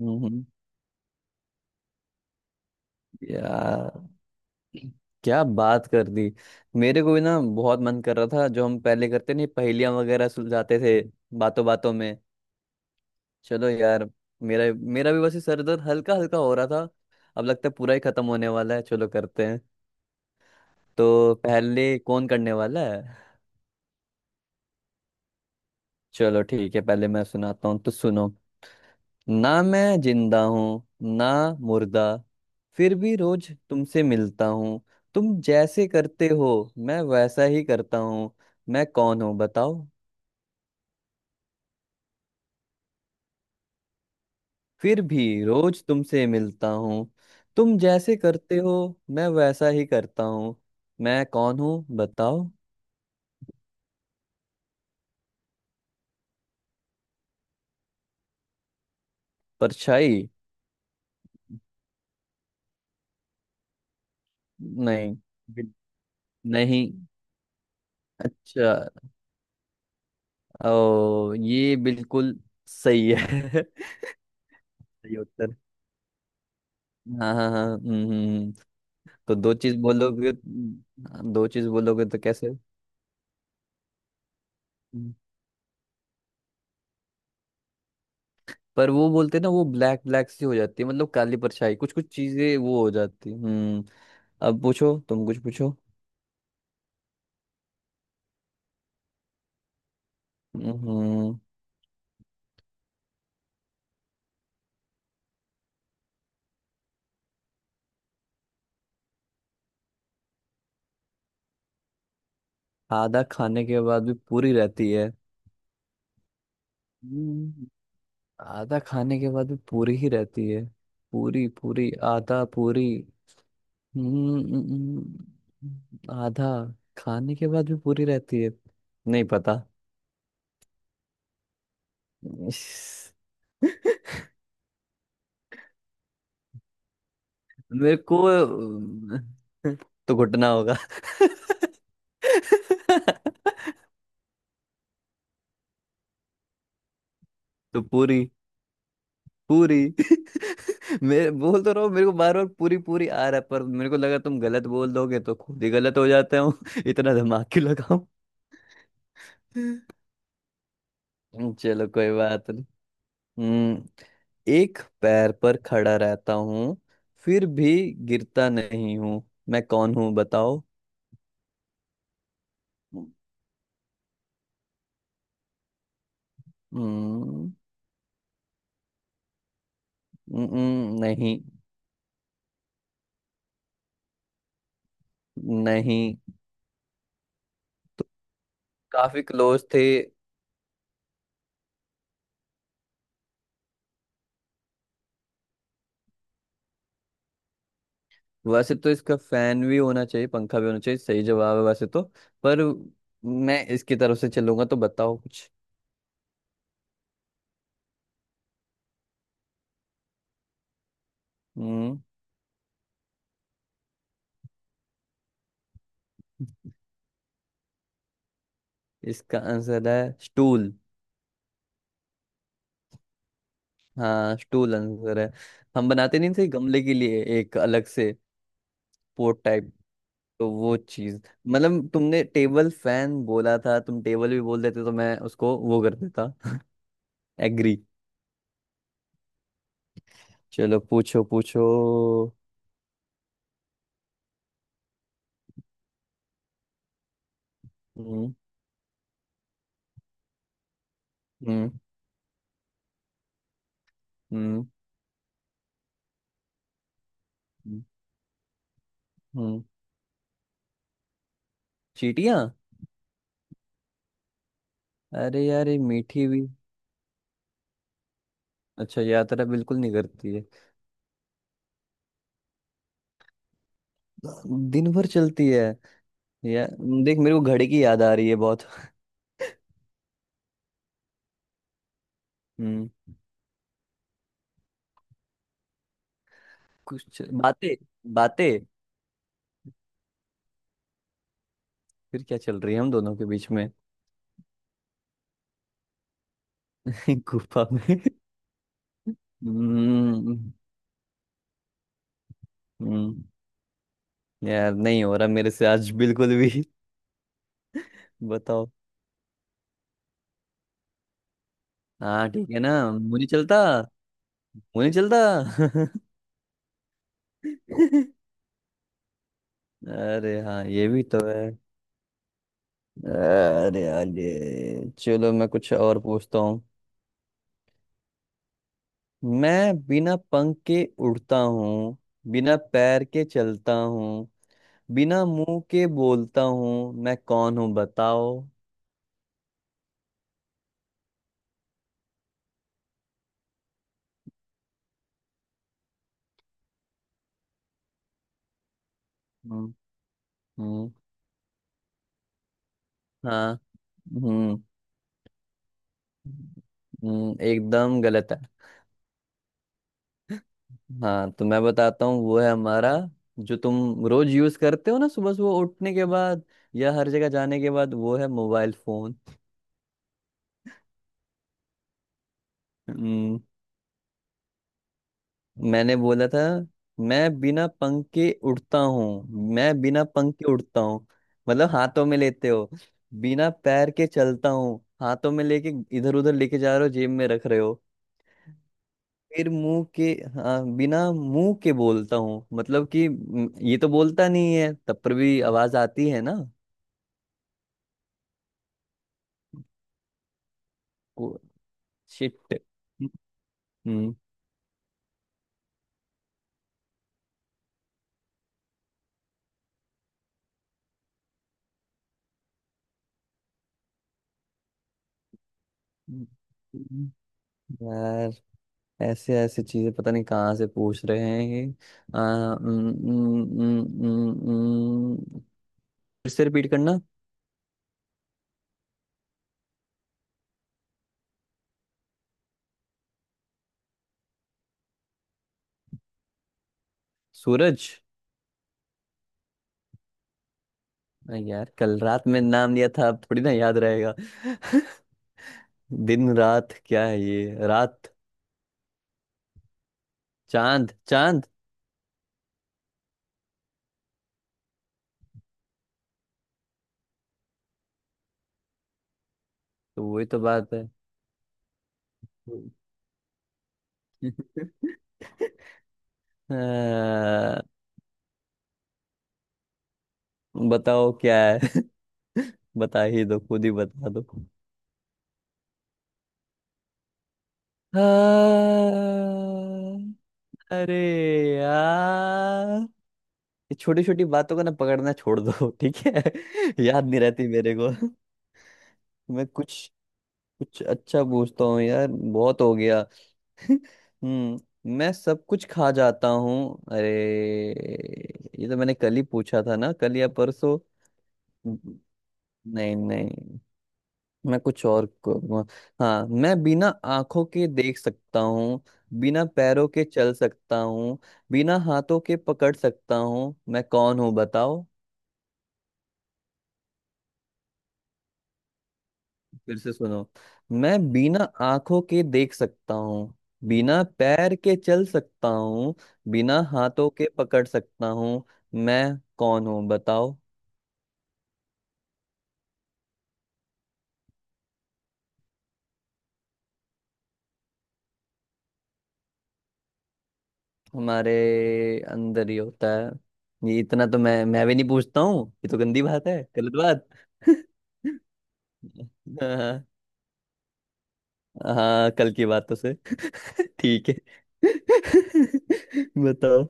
हम्म, यार, क्या बात कर दी। मेरे को भी ना बहुत मन कर रहा था। जो हम पहले करते नहीं, पहेलियां वगैरह सुलझाते थे बातों बातों में। चलो यार। मेरा मेरा भी बस ये सर दर्द हल्का हल्का हो रहा था। अब लगता है पूरा ही खत्म होने वाला है, चलो करते हैं। तो पहले कौन करने वाला है? चलो ठीक है, पहले मैं सुनाता हूँ तो सुनो। ना मैं जिंदा हूँ ना मुर्दा, फिर भी रोज तुमसे मिलता हूँ। तुम जैसे करते हो मैं वैसा ही करता हूँ। मैं कौन हूँ बताओ? फिर भी रोज तुमसे मिलता हूँ। तुम जैसे करते हो मैं वैसा ही करता हूँ। मैं कौन हूँ बताओ? परछाई। नहीं। बिल- नहीं। अच्छा। ओ ये बिल्कुल सही है। सही उत्तर। हाँ हाँ हाँ, तो दो चीज बोलोगे? दो चीज बोलोगे तो कैसे? हम्म। पर वो बोलते हैं ना, वो ब्लैक ब्लैक सी हो जाती है, मतलब काली परछाई। कुछ कुछ चीजें वो हो जाती है। हम्म। अब पूछो, तुम कुछ पूछो। हम्म। आधा खाने के बाद भी पूरी रहती है। हम्म, आधा खाने के बाद भी पूरी ही रहती है। पूरी पूरी आधा पूरी। आधा खाने के बाद भी पूरी रहती है। नहीं पता। मेरे को तो घुटना होगा। तो पूरी। पूरी। मैं बोल तो रहा हूँ, मेरे को बार बार पूरी पूरी आ रहा है, पर मेरे को लगा तुम गलत बोल दोगे तो खुद ही गलत हो जाता हूँ। इतना दिमाग क्यों लगाऊं? चलो, कोई बात नहीं। हम्म। एक पैर पर खड़ा रहता हूँ, फिर भी गिरता नहीं हूँ। मैं कौन हूँ बताओ? हम्म नहीं। नहीं। काफी क्लोज थे। वैसे तो इसका फैन भी होना चाहिए, पंखा भी होना चाहिए, सही जवाब है वैसे तो। पर मैं इसकी तरफ से चलूंगा तो बताओ कुछ। हम्म। इसका आंसर है स्टूल। हाँ, स्टूल आंसर है। हम बनाते नहीं थे गमले के लिए एक अलग से पोर्ट टाइप? तो वो चीज। मतलब तुमने टेबल फैन बोला था, तुम टेबल भी बोल देते तो मैं उसको वो कर देता। एग्री। चलो पूछो पूछो। हम्म हम्म हम्म हम्म, चीटियां। अरे यार, ये मीठी भी? अच्छा, यात्रा बिल्कुल नहीं करती है। दिन भर चलती है? या देख, मेरे को घड़ी की याद आ रही है बहुत। हम्म। बातें। बातें। फिर क्या चल रही है हम दोनों के बीच में? गुफा में? हम्म हम्म, यार नहीं हो रहा मेरे से आज बिल्कुल भी। बताओ। हाँ ठीक है ना, मुझे नहीं चलता। मुझे नहीं चलता। अरे हाँ, ये भी तो है। अरे यार ये, चलो मैं कुछ और पूछता हूँ। मैं बिना पंख के उड़ता हूँ, बिना पैर के चलता हूँ, बिना मुंह के बोलता हूँ। मैं कौन हूँ बताओ? हम्म हम्म, हाँ हम्म एकदम गलत है। हाँ, तो मैं बताता हूँ। वो है हमारा, जो तुम रोज यूज करते हो ना सुबह सुबह उठने के बाद या हर जगह जाने के बाद, वो है मोबाइल फोन। मैंने बोला था, मैं बिना पंख के उड़ता हूँ। मैं बिना पंख के उड़ता हूँ मतलब हाथों में लेते हो। बिना पैर के चलता हूँ हाथों में लेके, इधर उधर लेके जा रहे हो, जेब में रख रहे हो। फिर मुंह के, हाँ बिना मुंह के बोलता हूँ मतलब कि ये तो बोलता नहीं है तब पर भी आवाज आती है ना। शिट। हम्म। यार ऐसे ऐसे चीजें पता नहीं कहाँ से पूछ रहे हैं ये। आ, उम, उम, उम, उम, उम, फिर से रिपीट करना। सूरज। अरे यार, कल रात में नाम लिया था अब थोड़ी ना याद रहेगा। दिन रात क्या है ये, रात? चांद, चांद। तो वही तो बात है। आ, बताओ क्या है? बता ही दो, खुद ही बता दो। आ, अरे यार, ये छोटी छोटी बातों को ना पकड़ना छोड़ दो। ठीक है। याद नहीं रहती मेरे को। मैं कुछ कुछ अच्छा पूछता हूँ यार, बहुत हो गया। हम्म। मैं सब कुछ खा जाता हूँ। अरे, ये तो मैंने कल ही पूछा था ना, कल या परसों? नहीं, नहीं, मैं कुछ और को- हाँ मैं बिना आंखों के देख सकता हूँ, बिना पैरों के चल सकता हूँ, बिना हाथों के पकड़ सकता हूँ। मैं कौन हूँ बताओ? फिर से सुनो। मैं बिना आंखों के देख सकता हूँ, बिना पैर के चल सकता हूँ, बिना हाथों के पकड़ सकता हूँ। मैं कौन हूँ बताओ? हमारे अंदर ही होता है? ये इतना तो मैं भी नहीं पूछता हूँ, ये तो गंदी बात है, गलत बात। हाँ हाँ, कल की बातों से। ठीक है। बताओ।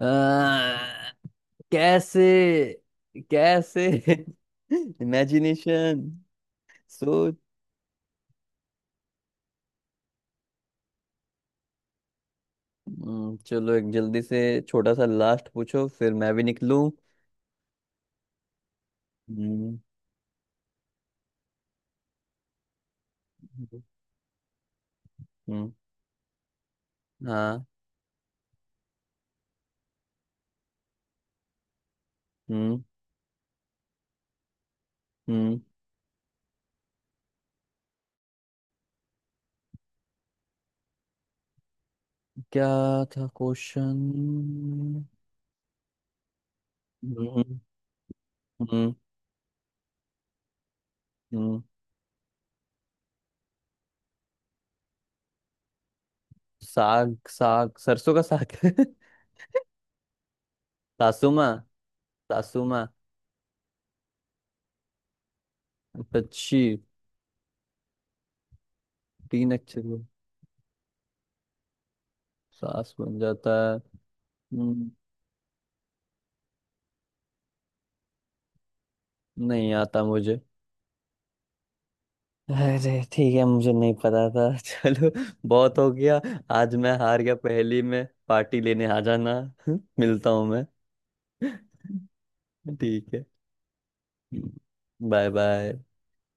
आ, कैसे? कैसे? इमेजिनेशन, सोच। चलो एक जल्दी से छोटा सा लास्ट पूछो फिर मैं भी निकलूं। हम्म हम्म, हाँ हम्म हम्म। क्या था क्वेश्चन? हम्म हम्म हम्म, साग साग सरसों का साग। सासुमा। सासुमा अच्छी। तीन अक्षर में सास बन जाता है? हम्म, नहीं आता मुझे। अरे ठीक है, मुझे नहीं पता था। चलो, बहुत हो गया। आज मैं हार गया पहेली में, पार्टी लेने आ जाना। मिलता हूँ मैं। ठीक है, बाय बाय।